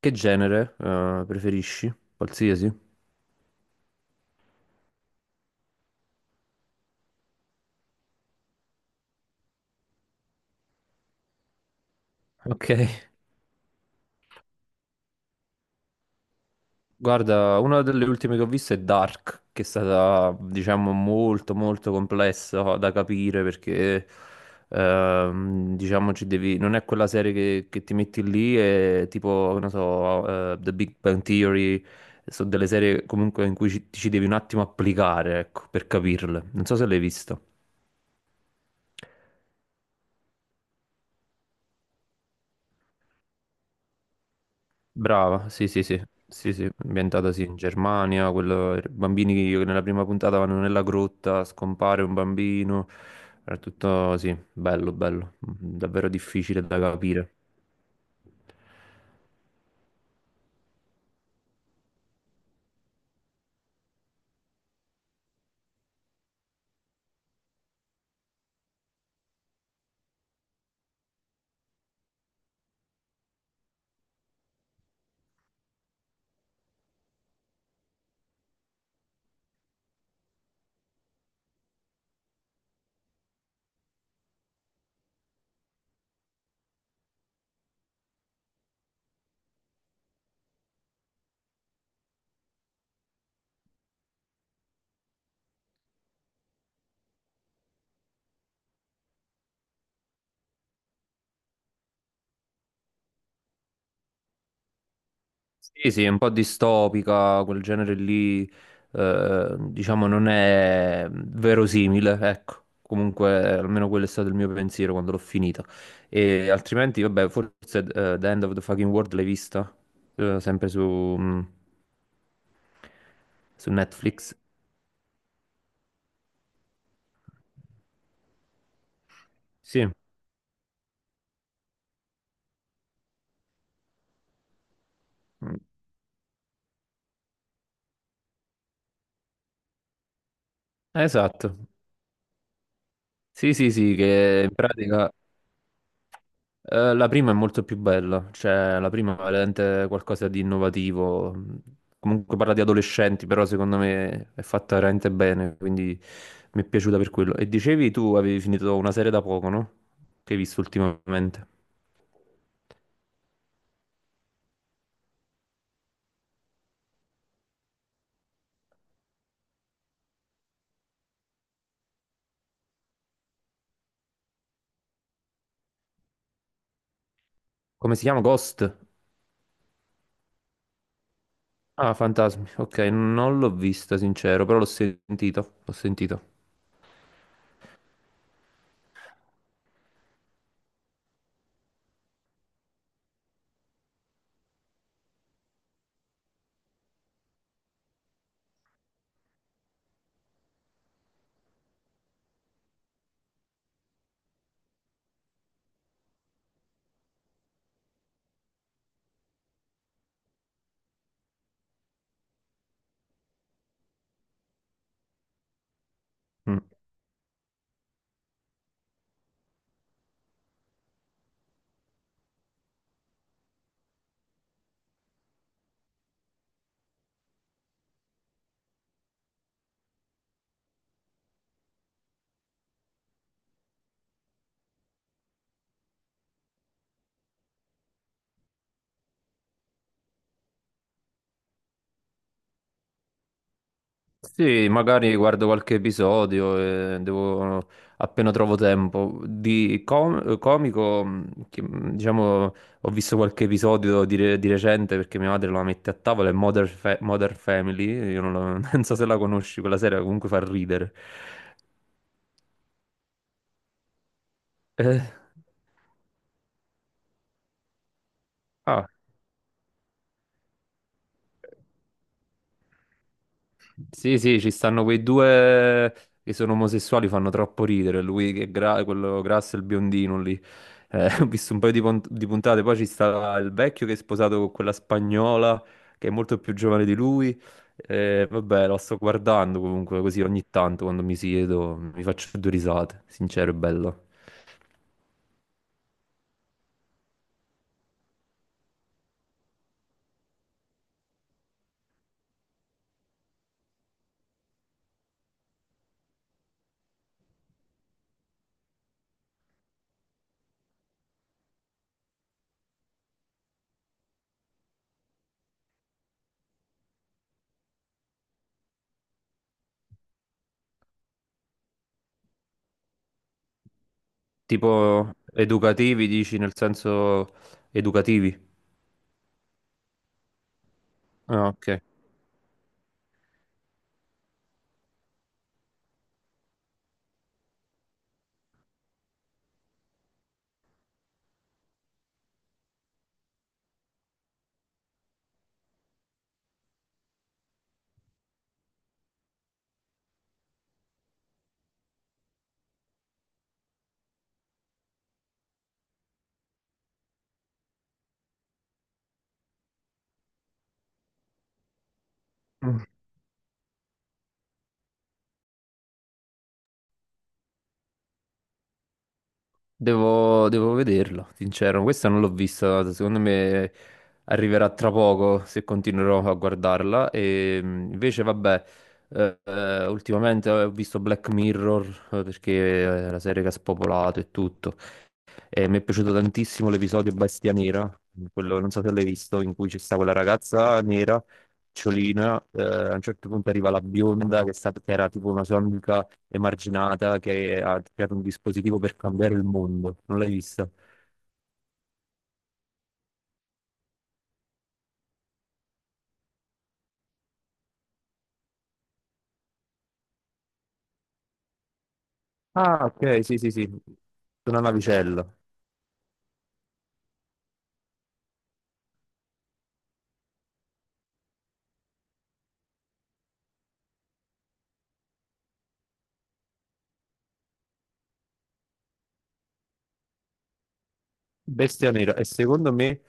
Che genere, preferisci? Qualsiasi? Ok. Guarda, una delle ultime che ho visto è Dark, che è stata, diciamo, molto molto complessa da capire perché diciamo, ci devi non è quella serie che ti metti lì e tipo, non so, The Big Bang Theory, sono delle serie comunque in cui ci, ti ci devi un attimo applicare, ecco, per capirle. Non so se l'hai vista. Brava, sì, sì, sì, sì, sì, ambientata sì in Germania, quello, bambini che nella prima puntata vanno nella grotta, scompare un bambino, era tutto, sì, bello, bello, davvero difficile da capire. Sì, sì, è un po' distopica, quel genere lì, diciamo, non è verosimile, ecco. Comunque, almeno quello è stato il mio pensiero quando l'ho finita. E altrimenti, vabbè, forse The End of the Fucking World l'hai vista? Sempre su, mm, su Netflix. Sì. Mm. Esatto. Sì, sì, sì, che in pratica la prima è molto più bella, cioè la prima è veramente qualcosa di innovativo. Comunque parla di adolescenti, però secondo me è fatta veramente bene, quindi mi è piaciuta per quello. E dicevi tu avevi finito una serie da poco, no? Che hai visto ultimamente. Come si chiama? Ghost? Ah, Fantasmi. Ok, non l'ho vista, sincero, però l'ho sentito. L'ho sentito. Mm. Sì, magari guardo qualche episodio e devo, appena trovo tempo. Di comico, che, diciamo, ho visto qualche episodio di, di recente perché mia madre la mette a tavola, è Modern Family, io non, non so se la conosci, quella serie comunque fa ridere. Eh, ah. Sì, sì, ci stanno quei due che sono omosessuali, fanno troppo ridere. Lui che è quello grasso e il biondino lì. Ho visto un paio di, di puntate. Poi ci sta il vecchio che è sposato con quella spagnola che è molto più giovane di lui. Vabbè, lo sto guardando comunque così ogni tanto quando mi siedo, mi faccio due risate, sincero e bello. Tipo educativi, dici nel senso educativi? Ah, ok. Devo, devo vederlo, sincero. Questa non l'ho vista, secondo me arriverà tra poco se continuerò a guardarla. E invece, vabbè, ultimamente ho visto Black Mirror perché è la serie che ha spopolato e tutto. E mi è piaciuto tantissimo l'episodio Bestia Nera, quello non so se l'hai visto, in cui ci sta quella ragazza nera, ciolina, a un certo punto arriva la bionda che era tipo una sua amica emarginata che ha creato un dispositivo per cambiare il mondo. Non l'hai vista? Ah, ok, sì, sì, sì, una navicella. Bestia nera. E secondo me,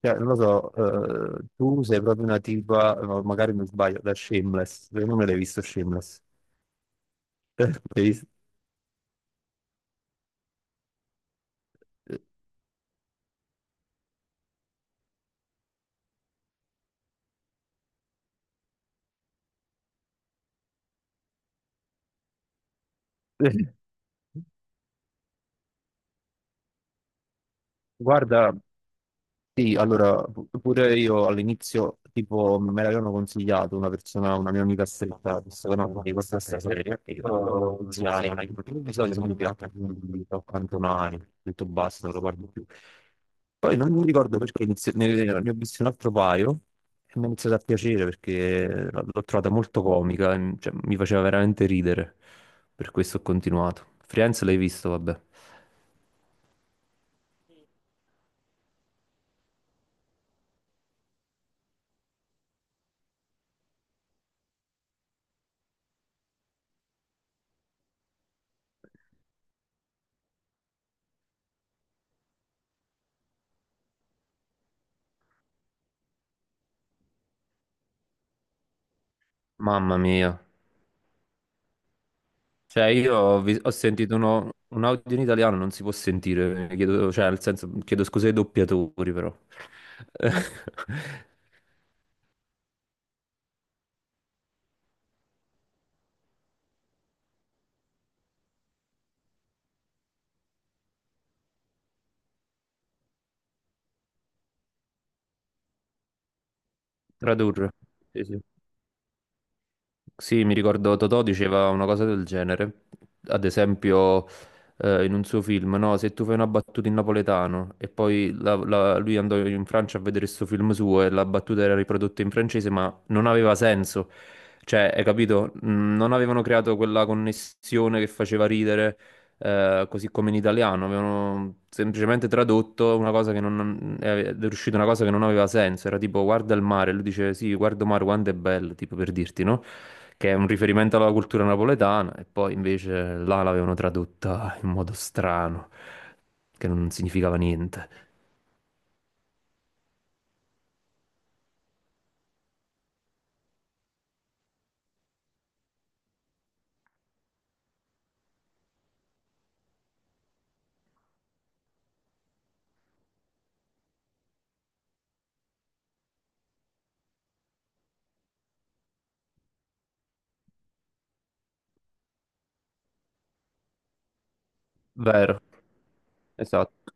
cioè, non lo so, tu sei proprio una tipa, no, magari mi sbaglio, da Shameless. Secondo me l'hai visto Shameless. L'hai visto? Eh, guarda, sì, allora, pure io all'inizio, tipo, me l'avevano consigliato una persona, una mia amica stretta, che secondo me di questa serie, e io consigliare, ma i episodi sono pirata, quindi ho cantonati, ho detto basta, non lo guardo più. Poi non mi ricordo perché ne ho visto un altro paio e mi è iniziato a piacere perché l'ho trovata molto comica, e, cioè, mi faceva veramente ridere, per questo ho continuato. Friends l'hai visto, vabbè. Mamma mia. Cioè, ho sentito un audio in italiano, non si può sentire, chiedo, cioè, nel senso, chiedo scusa ai doppiatori, però. Tradurre. Sì, sì. Sì, mi ricordo Totò diceva una cosa del genere, ad esempio in un suo film, no? Se tu fai una battuta in napoletano e poi lui andò in Francia a vedere questo film suo e la battuta era riprodotta in francese, ma non aveva senso, cioè, hai capito? Mm, non avevano creato quella connessione che faceva ridere, così come in italiano, avevano semplicemente tradotto una cosa che non è riuscita una cosa che non aveva senso, era tipo guarda il mare, lui dice sì, guardo mare quanto è bello, tipo per dirti, no? Che è un riferimento alla cultura napoletana, e poi invece là l'avevano tradotta in modo strano, che non significava niente. Vero, esatto.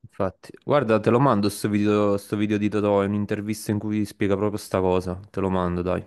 Infatti, guarda, te lo mando sto video di Totò, è un'intervista in cui spiega proprio sta cosa. Te lo mando, dai.